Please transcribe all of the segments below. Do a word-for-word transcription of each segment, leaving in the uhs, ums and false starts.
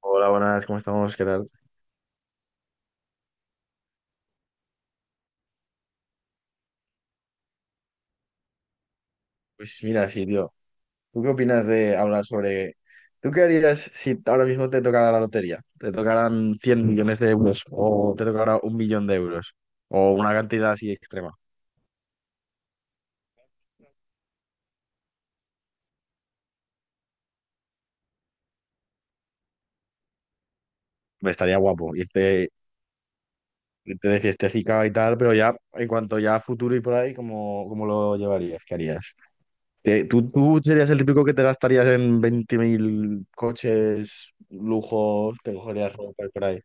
Hola, buenas, ¿cómo estamos? ¿Qué tal? Pues mira, sí, tío. ¿Tú qué opinas de hablar sobre... ¿Tú qué harías si ahora mismo te tocara la lotería? ¿Te tocaran cien millones de euros o te tocara un millón de euros? O una cantidad así extrema. Hombre, estaría guapo irte, irte de fiestecica y tal, pero ya en cuanto ya a futuro y por ahí, ¿cómo, cómo lo llevarías? ¿Qué harías? ¿Te- ¿Tú, tú serías el típico que te gastarías en veinte mil coches, lujos, te cogerías ropa y por ahí?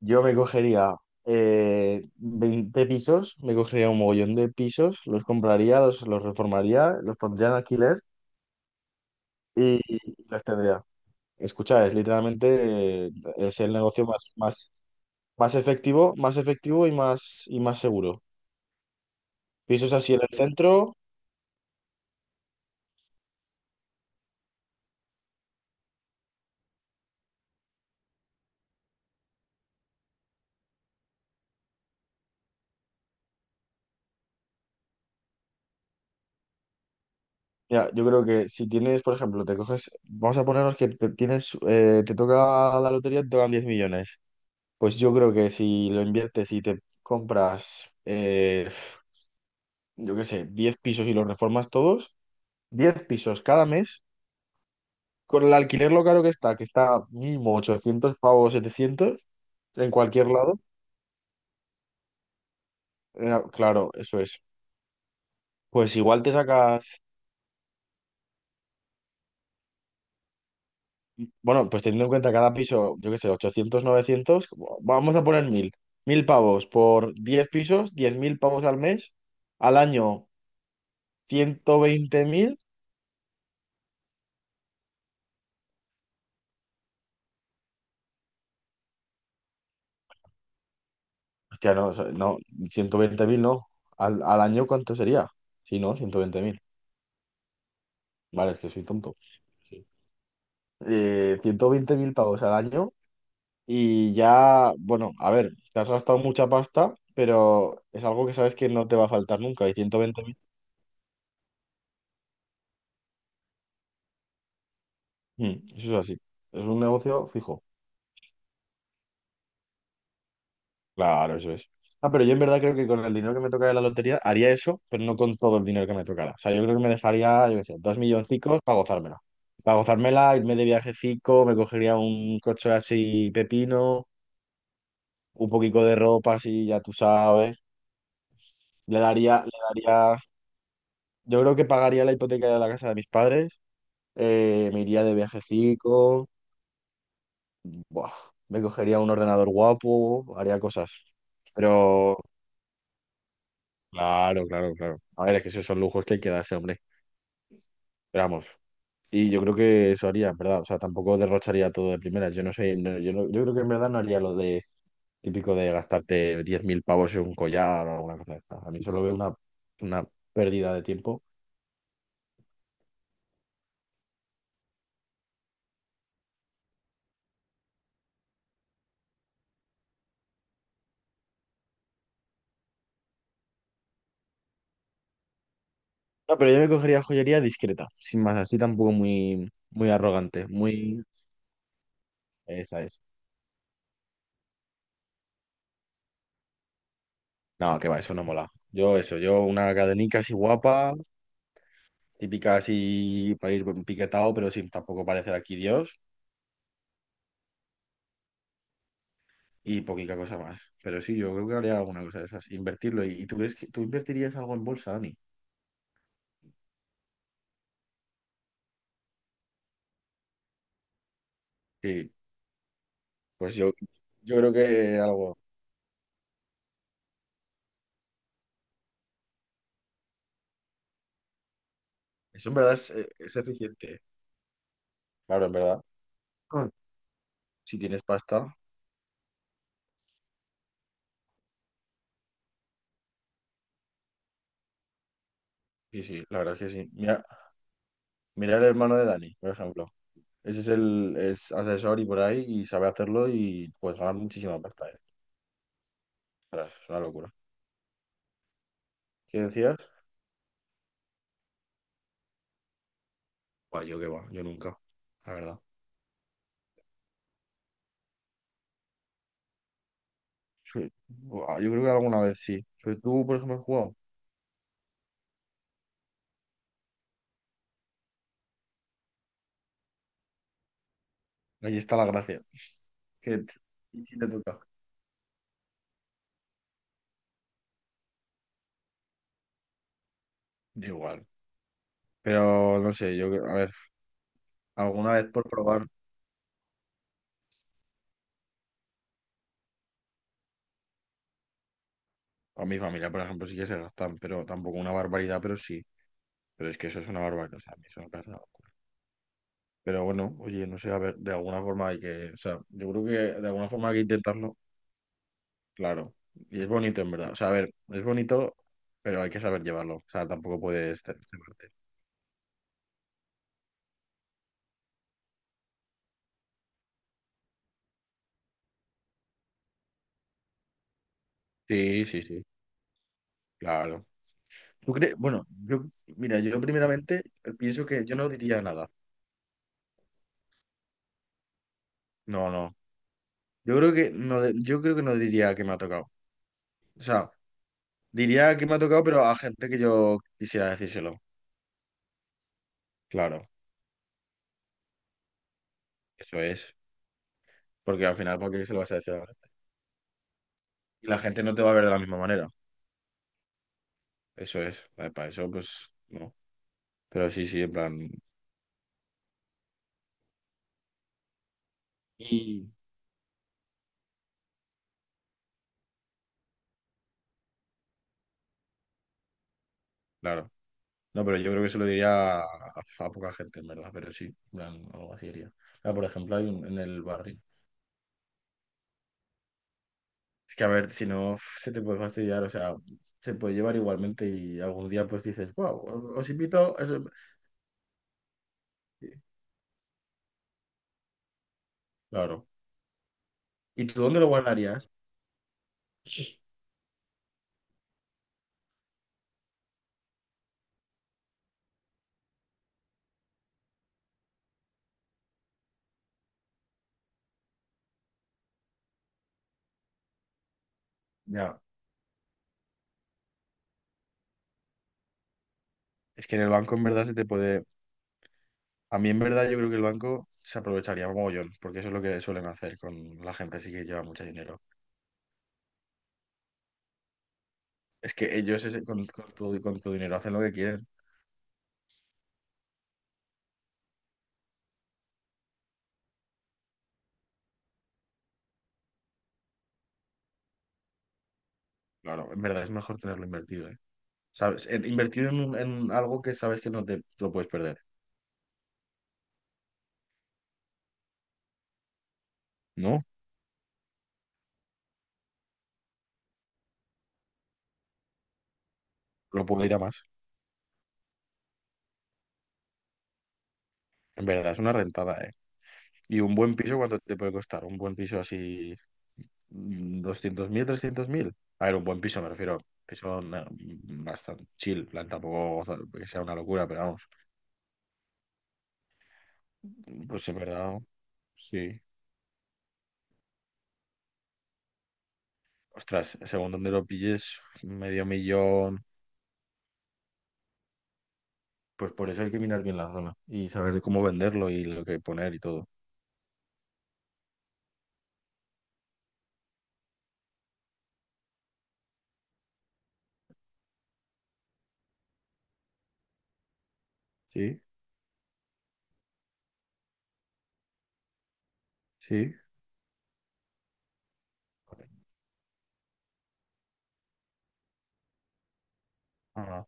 Yo me cogería eh, veinte pisos, me cogería un mogollón de pisos, los compraría, los, los reformaría, los pondría en alquiler y, y los tendría. Escucha, es literalmente eh, es el negocio más, más, más efectivo, más efectivo y más, y más seguro. Pisos así en el centro. Mira, yo creo que si tienes, por ejemplo, te coges, vamos a ponernos que te tienes, eh, te toca la lotería, te tocan diez millones. Pues yo creo que si lo inviertes y te compras eh, yo qué sé, diez pisos y los reformas todos, diez pisos cada mes, con el alquiler lo caro que está, que está mínimo ochocientos pavos, setecientos en cualquier lado, eh, claro, eso es. Pues igual te sacas, bueno, pues teniendo en cuenta cada piso, yo qué sé, ochocientos novecientos como- vamos a poner mil mil pavos por diez pisos, diez mil pavos al mes, al año ciento veinte mil. Hostia, no, o sea, no, ciento veinte mil no, al, al año ¿cuánto sería? Sí, no, ciento veinte mil, vale, es que soy tonto. Sí. Eh, ciento veinte mil pavos al año y ya, bueno, a ver, te has gastado mucha pasta, pero es algo que sabes que no te va a faltar nunca y ciento veinte mil, mm, eso es así, es un negocio fijo, claro, eso es. Ah, pero yo en verdad creo que con el dinero que me tocara de la lotería haría eso, pero no con todo el dinero que me tocara. O sea, yo creo que me dejaría, yo qué sé, dos milloncicos para gozármela. Para gozármela, irme de viajecico, me cogería un coche así pepino, un poquito de ropa así, ya tú sabes. Le daría, le daría. Yo creo que pagaría la hipoteca de la casa de mis padres, eh, me iría de viajecico, buah, me cogería un ordenador guapo, haría cosas. Pero, claro, claro, claro. A ver, es que esos son lujos que hay que darse, hombre. Pero vamos. Y yo creo que eso haría, en verdad. O sea, tampoco derrocharía todo de primera. Yo no sé, no- yo, no- yo creo que en verdad no haría lo de típico de gastarte diez mil pavos en un collar o alguna cosa de esta. A mí solo veo una, una pérdida de tiempo. No, pero yo me cogería joyería discreta, sin más, así tampoco muy, muy arrogante, muy... Esa es. No, que va, eso no mola. Yo eso, yo una cadenica así guapa, típica así para ir piquetado, pero sin tampoco parecer aquí Dios y poquita cosa más. Pero sí, yo creo que haría alguna cosa de esas, invertirlo. ¿Y tú crees que tú invertirías algo en bolsa, Dani? Sí, pues yo, yo creo que algo... Eso en verdad es, eh, es eficiente. Claro, en verdad. Ah. Si tienes pasta, sí, sí, la verdad es que sí. Mira, mira el hermano de Dani, por ejemplo. Ese es el es asesor y por ahí y sabe hacerlo y puedes ganar muchísima pasta, ¿eh? Ostras, es una locura. ¿Qué decías? Buah, yo qué va, yo nunca, la verdad. Sí. Buah, yo creo que alguna vez sí. Pero tú, por ejemplo, has jugado. Ahí está la gracia. Que t- ¿Y si te toca? Yo igual. Pero no sé, yo, creo- a ver, alguna vez por probar, a mi familia, por ejemplo, sí que se gastan, pero tampoco una barbaridad, pero sí. Pero es que eso es una barbaridad, o sea, a mí eso me parece una locura. Pero bueno, oye, no sé, a ver, de alguna forma hay que, o sea, yo creo que de alguna forma hay que intentarlo. Claro, y es bonito en verdad. O sea, a ver, es bonito, pero hay que saber llevarlo. O sea, tampoco puedes ce- cebarte. Sí, sí, sí, claro. ¿Tú crees? Bueno, yo, mira, yo primeramente eh, pienso que yo no diría nada. No, no. Yo creo que no, de- yo creo que no diría que me ha tocado. O sea, diría que me ha tocado, pero a gente que yo quisiera decírselo. Claro, eso es. Porque al final, ¿por qué se lo vas a decir a la gente? Y la gente no te va a ver de la misma manera. Eso es. Vale, para eso, pues, no. Pero sí, sí, en plan. Y claro. No, pero yo creo que se lo diría a, a- a poca gente, en verdad, pero sí, en plan, algo así diría. Ah, por ejemplo, hay un- en el barrio. Es que a ver, si no, se te puede fastidiar, o sea, se puede llevar igualmente y algún día pues dices, wow, os invito. A eso". Claro. ¿Y tú dónde lo guardarías? Ya, es que en el banco en verdad se te puede... A mí en verdad yo creo que el banco se aprovecharía mogollón, porque eso es lo que suelen hacer con la gente así que lleva mucho dinero. Es que ellos ese- con, con tu, con tu dinero hacen lo que quieren. Claro, en verdad es mejor tenerlo invertido, ¿eh? ¿Sabes? En- invertir en, un- en algo que sabes que no te lo puedes perder. No, lo puedo ir a más. En verdad, es una rentada, ¿eh? Y un buen piso, ¿cuánto te puede costar? Un buen piso así, mm, doscientos mil, trescientos mil. A ver, un buen piso, me refiero. Piso na- mm, bastante chill, en plan, tampoco o sea, que sea una locura, pero vamos. Pues en verdad, sí. Ostras, según donde lo pilles, medio millón. Pues por eso hay que mirar bien la zona y saber cómo venderlo y lo que poner y todo. Sí, sí. Vale. Ah.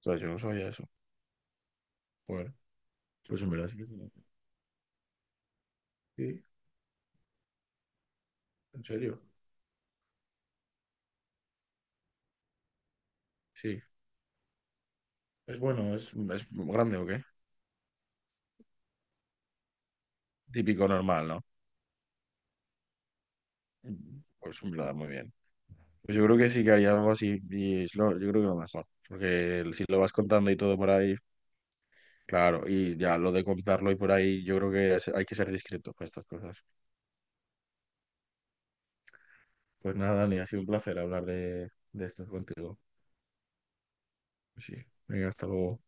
sea, yo no sabía eso. Bueno, pues en verdad sí que tenía. Sí, en serio. Sí. Es bueno, es, es grande o qué. Típico normal, ¿no? Mm. Pues en verdad, muy bien. Pues yo creo que sí que haría algo así y es lo- yo creo que lo mejor. Porque el- si lo vas contando y todo por ahí, claro, y ya lo de contarlo y por ahí, yo creo que es- hay que ser discreto con estas cosas. Pues nada, Dani, ha sido un placer hablar de, de esto contigo. Pues sí, venga, hasta luego.